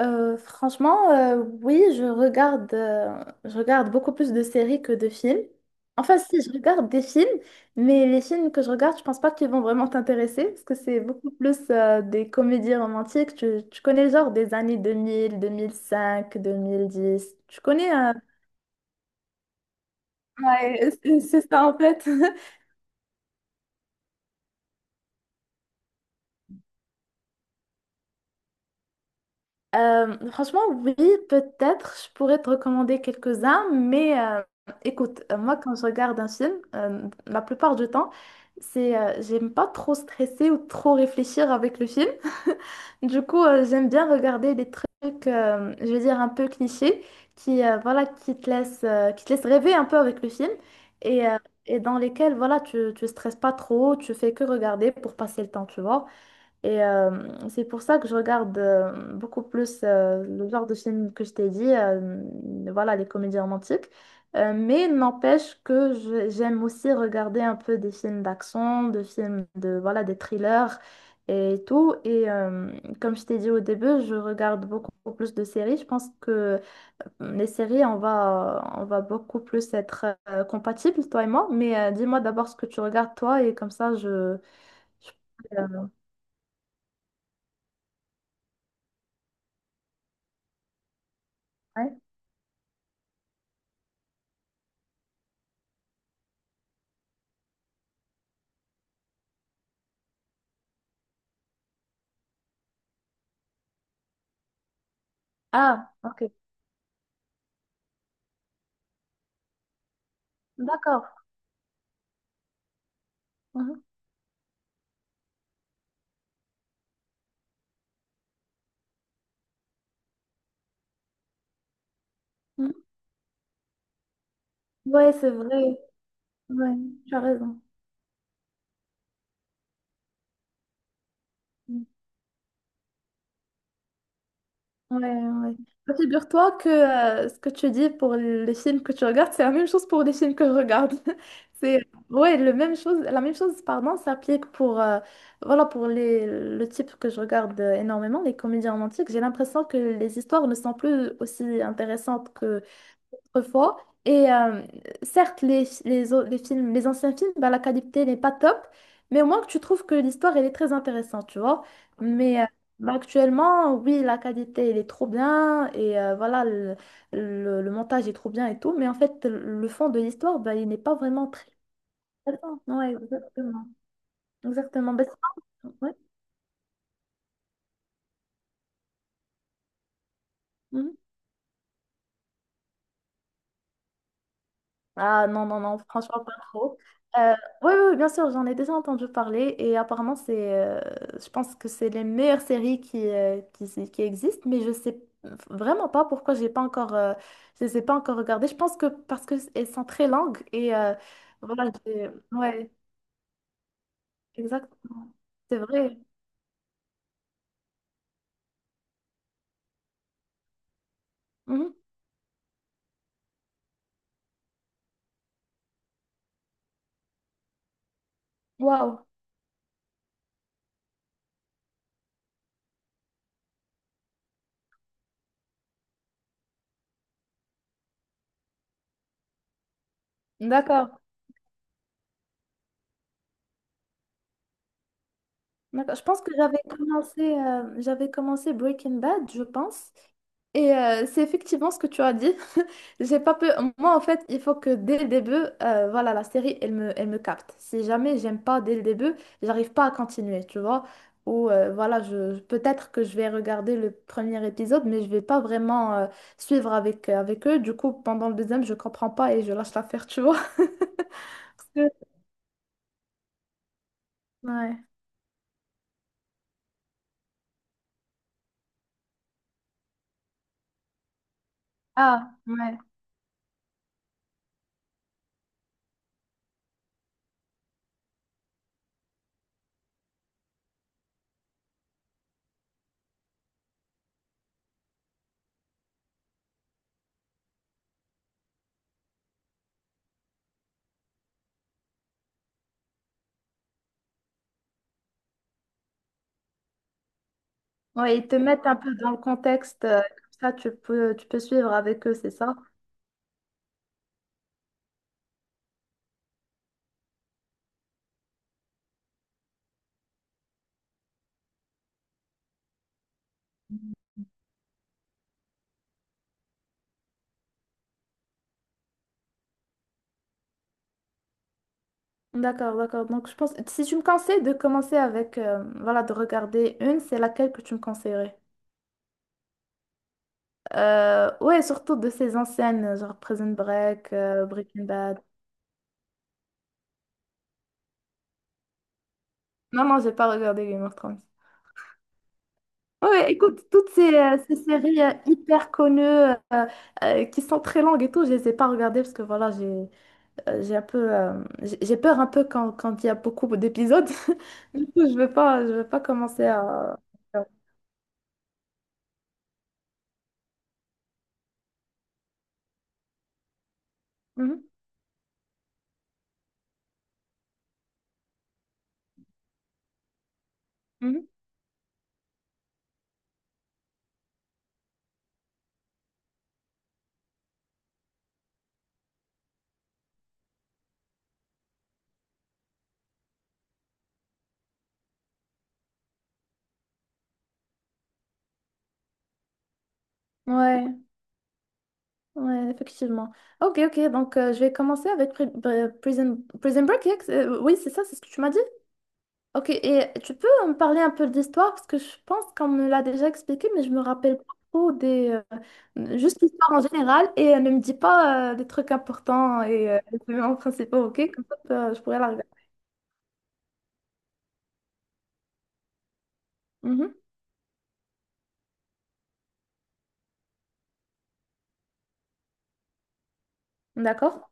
Franchement, oui, je regarde beaucoup plus de séries que de films. Enfin, si, je regarde des films, mais les films que je regarde, je pense pas qu'ils vont vraiment t'intéresser, parce que c'est beaucoup plus des comédies romantiques. Tu connais le genre des années deux 2000 2005 2010. Tu connais... Ouais, c'est ça en fait. Franchement, oui, peut-être, je pourrais te recommander quelques-uns, mais écoute, moi, quand je regarde un film, la plupart du temps, c'est, j'aime pas trop stresser ou trop réfléchir avec le film. Du coup, j'aime bien regarder des trucs, je vais dire, un peu clichés, qui, voilà, qui te laissent rêver un peu avec le film et, euh, et dans lesquels, voilà, tu stresses pas trop, tu fais que regarder pour passer le temps, tu vois. Et c'est pour ça que je regarde beaucoup plus le genre de film que je t'ai dit, voilà, les comédies romantiques. Mais n'empêche que j'aime aussi regarder un peu des films d'action, des films de, voilà, des thrillers et tout. Et comme je t'ai dit au début, je regarde beaucoup plus de séries. Je pense que les séries, on va beaucoup plus être compatibles, toi et moi. Mais dis-moi d'abord ce que tu regardes, toi, et comme ça, je... euh, ouais. Ah, ok. D'accord. Mhm, mhm. Ouais, c'est vrai. Ouais, tu as raison. Mm. Ouais, ouais. Bah, figure-toi que ce que tu dis pour les films que tu regardes, c'est la même chose pour les films que je regarde. C'est ouais, le même chose, la même chose, pardon, s'applique pour voilà pour les le type que je regarde énormément, les comédies romantiques. J'ai l'impression que les histoires ne sont plus aussi intéressantes que. Autrefois. Et certes, les les films, les anciens films, bah, la qualité n'est pas top, mais au moins que tu trouves que l'histoire, elle est très intéressante, tu vois. Mais bah, actuellement, oui, la qualité, elle est trop bien, et voilà, le, le montage est trop bien et tout, mais en fait, le fond de l'histoire, bah, il n'est pas vraiment très... intéressant. Ouais, exactement. Exactement. Bah, ouais. Mhm. Ah non, non, non, franchement pas trop. Euh, oui, oui, oui, bien sûr, j'en ai déjà entendu parler et apparemment, c'est, je pense que c'est les meilleures séries qui, qui existent, mais je sais vraiment pas pourquoi j'ai pas encore, je les ai pas encore regardées. Je pense que parce qu'elles sont très longues et voilà, ouais, exactement, c'est vrai. Mhm. Waouh, d'accord. D'accord. Je pense que j'avais commencé Breaking Bad, je pense. Et c'est effectivement ce que tu as dit. J'ai pas peur. Moi, en fait, il faut que dès le début, voilà, la série, elle me capte. Si jamais j'aime pas dès le début, j'arrive pas à continuer, tu vois. Ou voilà, je, peut-être que je vais regarder le premier épisode, mais je vais pas vraiment suivre avec, avec eux. Du coup, pendant le deuxième, je comprends pas et je lâche l'affaire, tu vois. Ouais. Ah, ouais. Ouais, ils te mettent un peu dans le contexte, comme ça tu peux suivre avec eux, c'est ça? D'accord, d'accord. Donc je pense, si tu me conseilles de commencer avec, voilà, de regarder une, c'est laquelle que tu me conseillerais? Ouais, surtout de ces anciennes, genre Prison Break, Breaking Bad. Non, non, j'ai pas regardé Game of Thrones. Ouais, ouais, écoute, toutes ces, ces séries hyper connues, qui sont très longues et tout, je les ai pas regardées parce que voilà, j'ai un peu, j'ai peur un peu quand, quand il y a beaucoup d'épisodes. Du coup, je veux pas commencer à... Mhm, mhm. Ouais, ouais, effectivement. Ok, ok, donc je vais commencer avec Prison Break. Oui, c'est ça, c'est ce que tu m'as dit. Ok, et tu peux me parler un peu de l'histoire parce que je pense qu'on me l'a déjà expliqué, mais je me rappelle pas trop des. Juste l'histoire en général et ne me dis pas des trucs importants et les éléments principaux, ok? Comme ça, je pourrais la regarder. Mhm, d'accord.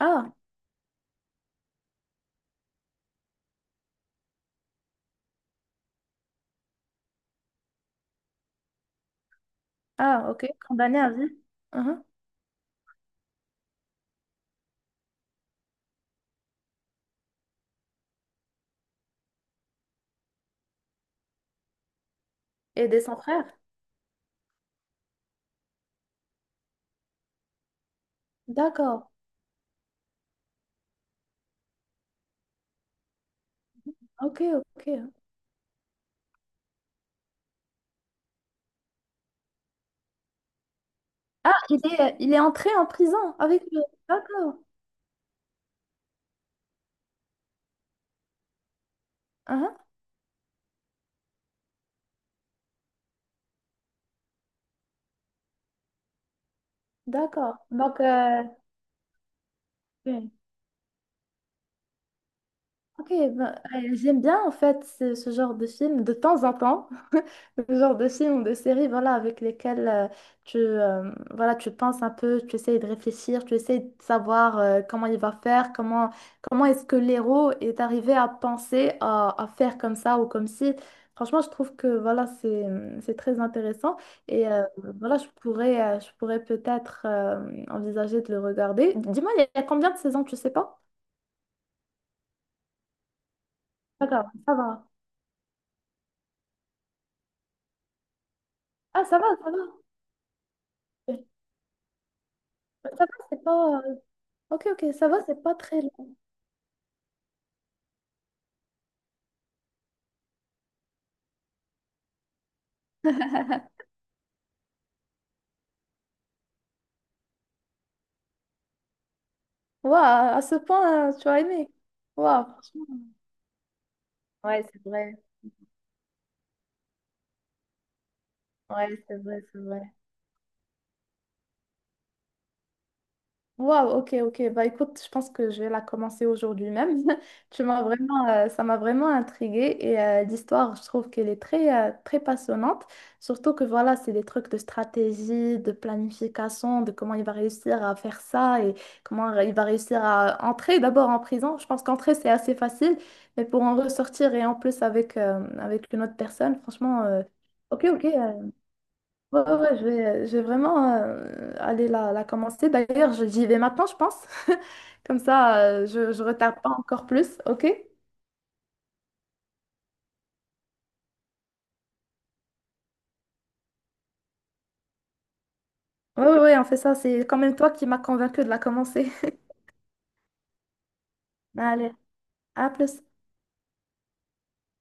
Ah, ok. Condamné à vie. Mhm. Et des sans frères. D'accord. Ok, ok. Ah, il est entré en prison avec le... D'accord. Mhm. D'accord. Donc, ok. Ok, ben, j'aime bien en fait ce, ce genre de film de temps en temps, le genre de film ou de série voilà, avec lesquels tu, voilà, tu penses un peu, tu essayes de réfléchir, tu essayes de savoir comment il va faire, comment, comment est-ce que l'héros est arrivé à penser à faire comme ça ou comme si. Franchement, je trouve que voilà, c'est très intéressant et voilà, je pourrais peut-être envisager de le regarder. Dis-moi, il y a combien de saisons, tu sais pas? D'accord, ça va. Ah, ça va, ça va. Ça va, c'est pas. Ok, ok, ça va, c'est pas très long. Waouh, à ce point, tu as aimé. Waouh, franchement. Ouais, c'est vrai. Ouais, c'est vrai, c'est vrai. Waouh, ok, ok. Bah écoute, je pense que je vais la commencer aujourd'hui même. Tu m'as vraiment, ça m'a vraiment intriguée et l'histoire, je trouve qu'elle est très, très passionnante. Surtout que voilà, c'est des trucs de stratégie, de planification, de comment il va réussir à faire ça et comment il va réussir à entrer d'abord en prison. Je pense qu'entrer, c'est assez facile, mais pour en ressortir et en plus avec, avec une autre personne, franchement, ok, ok, ouais, ouais, ouais, je vais vraiment aller la, la commencer. D'ailleurs, j'y vais maintenant, je pense. Comme ça, je retarde pas encore plus, ok? Ouais, ouais, ouais, on fait ça. C'est quand même toi qui m'as convaincu de la commencer. Allez, à plus.